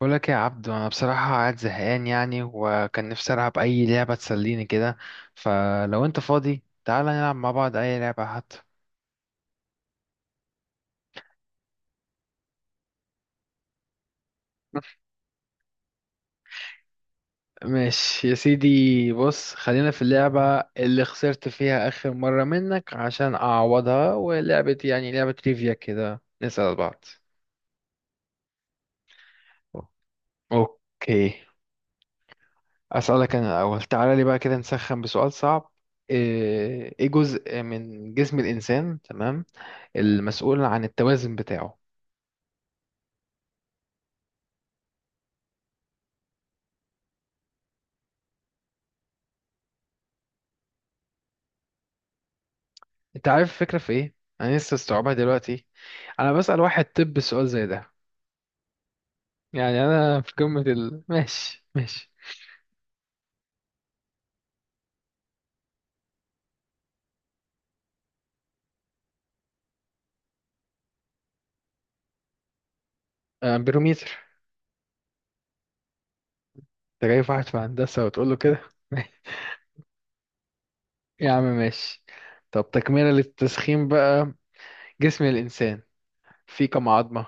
بقول لك يا عبدو، انا بصراحه قاعد زهقان يعني، وكان نفسي العب اي لعبه تسليني كده. فلو انت فاضي، تعالى نلعب مع بعض اي لعبه حتى. ماشي يا سيدي، بص خلينا في اللعبه اللي خسرت فيها اخر مره منك عشان اعوضها، ولعبه يعني لعبه تريفيا كده نسال بعض. اوكي. اسالك انا الاول، تعالى لي بقى كده نسخن بسؤال صعب. ايه جزء من جسم الانسان، تمام، المسؤول عن التوازن بتاعه؟ انت عارف الفكرة في ايه؟ انا لسه استوعبها دلوقتي. انا بسأل واحد طب سؤال زي ده. يعني انا في قمة ال ماشي ماشي. امبيرومتر. انت جايب واحد في هندسة وتقول له كده؟ يا عم ماشي. طب تكملة للتسخين بقى، جسم الإنسان فيه كم عظمة؟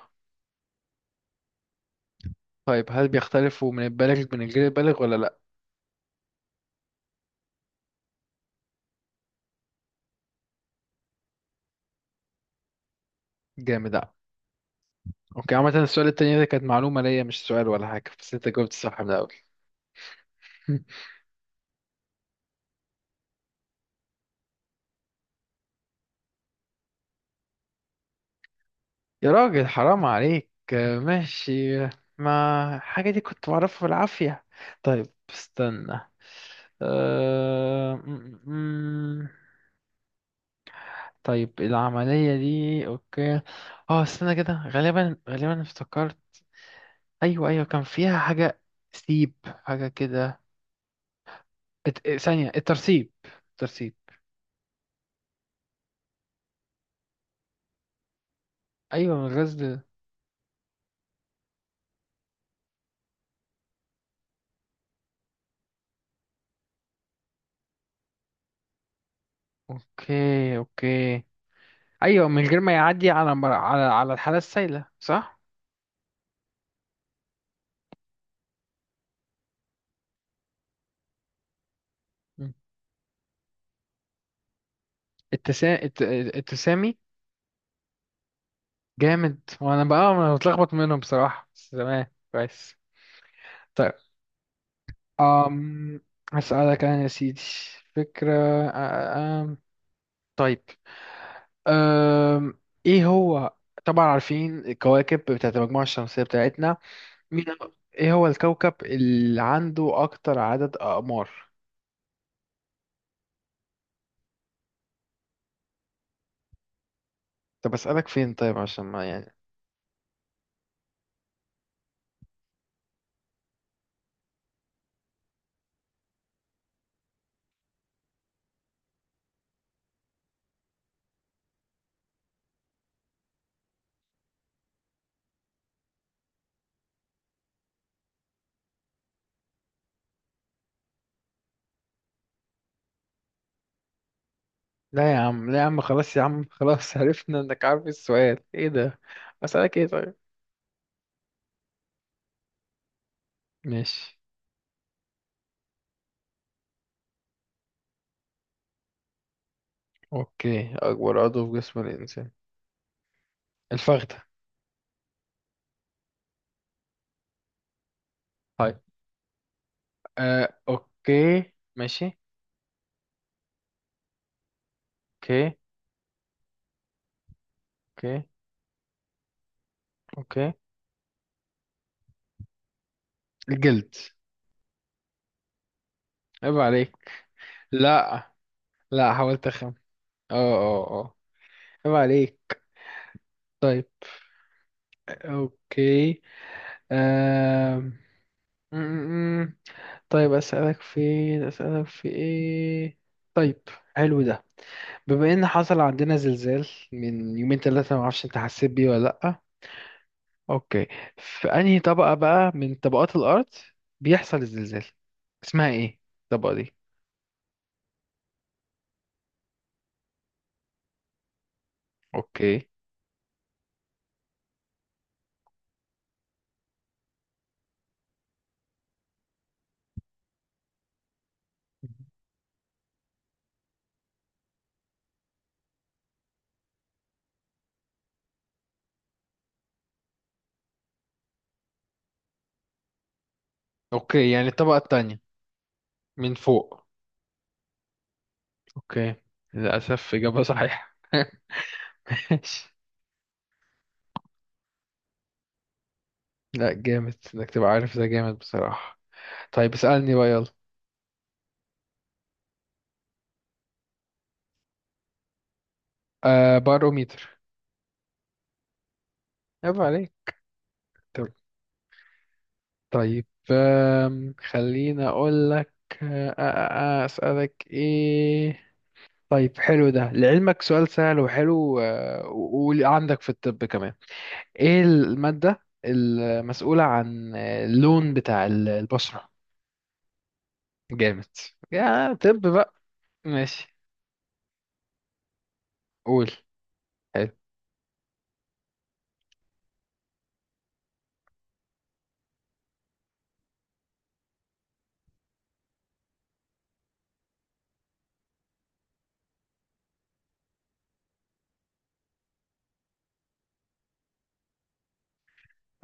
طيب هل بيختلفوا من البالغ من الغير البالغ ولا لأ؟ جامد أوي. اوكي، عامة السؤال التاني ده كانت معلومة ليا، مش سؤال ولا حاجة، بس انت جاوبت صح من الأول. يا راجل حرام عليك، ماشي. ما الحاجة دي كنت بعرفها بالعافية. طيب استنى. أه... م- م- م. طيب العملية دي، اوكي. اه استنى كده، غالبا غالبا افتكرت. ايوه ايوه، كان فيها حاجة، سيب حاجة كده. ثانية الترسيب. ايوه، من الغزل. اوكي اوكي، ايوه، من غير ما يعدي على على الحالة السائلة، صح؟ التسا... الت... التسامي. جامد. وانا بقى انا متلخبط منهم بصراحة، بس تمام كويس. طيب. أم... هسألك انا يا سيدي. فكرة. أم... طيب. أم... ايه هو. طبعا عارفين الكواكب بتاعت المجموعة الشمسية بتاعتنا. مين؟ ايه هو الكوكب اللي عنده اكتر عدد اقمار؟ طب اسألك فين طيب عشان ما يعني. لا يا عم، لا يا عم، خلاص يا عم. خلاص عرفنا انك عارف السؤال ايه ده. اسألك ايه طيب؟ ماشي. اوكي، اكبر عضو في جسم الانسان. الفخذة. طيب. اوكي ماشي. اوكي. اوكي. اوكي. الجلد. عيب عليك. لا، لا حاولت اخم. اه اه اه، عيب عليك. طيب. اوكي. آم، م- م- م. طيب اسالك في، اسالك في ايه؟ طيب، حلو ده. بما ان حصل عندنا زلزال من يومين ثلاثة، ما اعرفش انت حسيت بيه ولا لا. اوكي. في انهي طبقة بقى من طبقات الارض بيحصل الزلزال؟ اسمها ايه الطبقة دي؟ اوكي، اوكي يعني الطبقة التانية من فوق. اوكي. للاسف اجابة صحيحة. ماشي. لا جامد انك تبقى عارف ده، جامد بصراحة. طيب اسألني بقى يلا. باروميتر. عيب عليك. طب- طيب، خليني اقول لك. اسألك ايه. طيب حلو ده، لعلمك سؤال سهل وحلو، وعندك في الطب كمان. ايه المادة المسؤولة عن اللون بتاع ال- البشرة؟ جامد. يا طب بقى. ماشي. قول. حلو.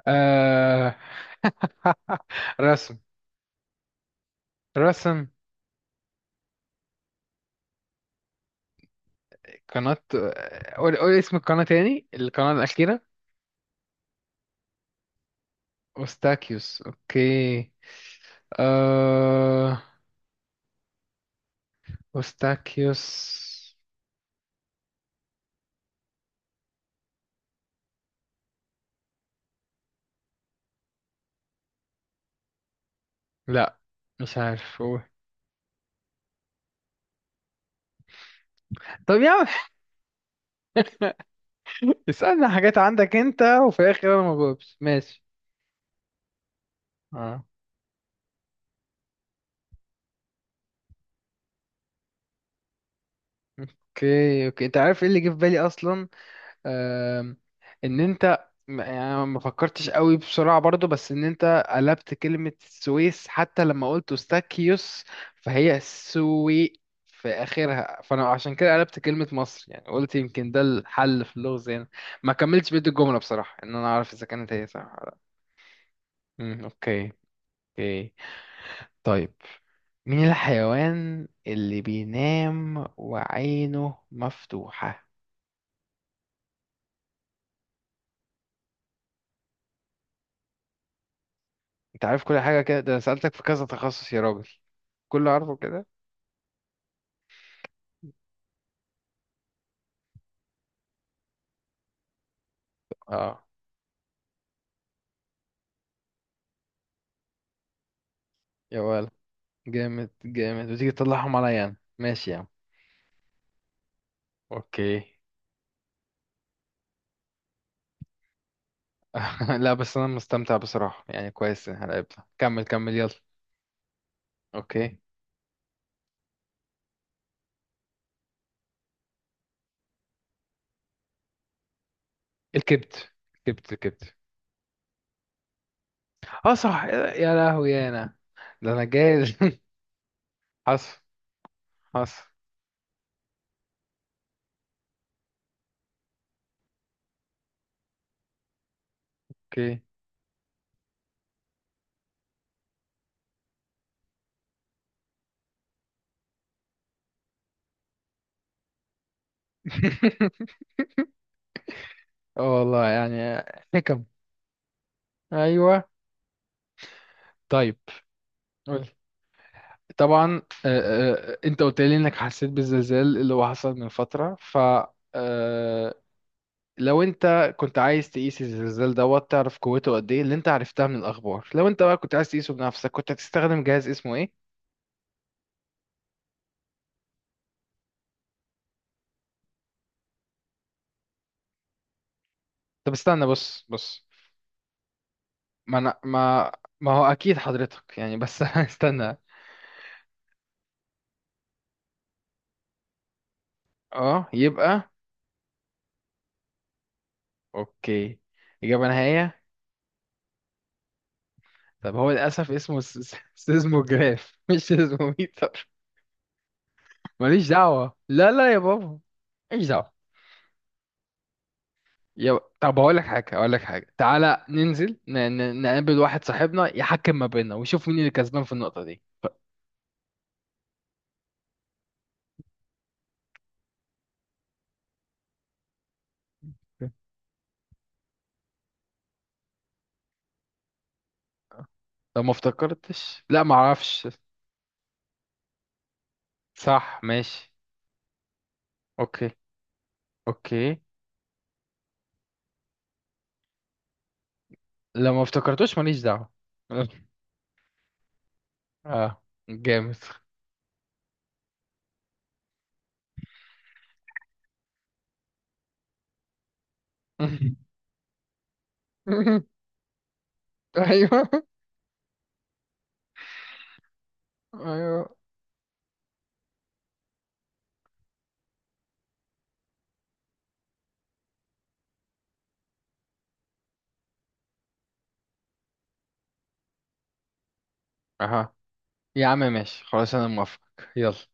آه... رسم. رسم. قناة، قول قول اسم القناة تاني، القناة الأخيرة. أوستاكيوس أوكي. آه... أوستاكيوس. لا، مش عارف، قول. طب يا عم اسألنا حاجات عندك انت، وفي الاخر انا ما بجاوبش، ماشي. اه. اوكي اوكي، انت عارف ايه اللي جه في بالي اصلا. آم، ان انت م- يعني ما فكرتش قوي بسرعة برضو، بس ان انت قلبت كلمة السويس حتى لما قلت استاكيوس، فهي سوي في اخرها، فانا عشان كده قلبت كلمة مصر، يعني قلت يمكن ده الحل في اللغز يعني. ما كملتش بيت الجملة بصراحة، ان انا اعرف اذا كانت هي صح ولا لا. مم، اوكي. اوكي. طيب. مين الحيوان اللي بينام وعينه مفتوحة؟ انت عارف كل حاجة كده، ده أنا سألتك في كذا تخصص يا راجل، كله عارفه كده. اه. يا ولد، جامد جامد، وتيجي تطلعهم عليا انا، ماشي يا عم. اوكي. لا بس انا مستمتع بصراحة يعني، كويس إن احنا لعبنا. كمل كمل يلا. اوكي. الكبت الكبت الكبت. اه صح، يا لهوي يا انا، ده انا جاهز. حصل حصل. اوكي. اه والله يعني، حكم. ايوه. طيب. قولي. طبعا، انت قلت لي انك حسيت بالزلزال اللي هو حصل من فترة، ف. آه، لو انت كنت عايز تقيس الزلزال دوت تعرف قوته قد ايه اللي انت عرفتها من الاخبار، لو انت بقى كنت عايز تقيسه بنفسك، كنت هتستخدم جهاز اسمه ايه؟ طب استنى، بص بص. ما أنا ما ما هو اكيد حضرتك يعني، بس استنى. اه يبقى. اوكي، اجابة نهائية. طب هو للاسف اسمه سيزموجراف، مش سيزموميتر. ماليش دعوة، لا لا يا بابا. ماليش دعوة. طب هقول لك حاجة، هقول لك حاجة، تعالى ننزل نقابل واحد صاحبنا يحكم ما بيننا ويشوف مين اللي كسبان في النقطة دي. لو ما افتكرتش، لا ما اعرفش. صح ماشي. اوكي اوكي. لو ما افتكرتوش ماليش دعوة. اه. جامد. ايوه ايوه. اها. يا عم ماشي، خلاص انا موافق. يلا.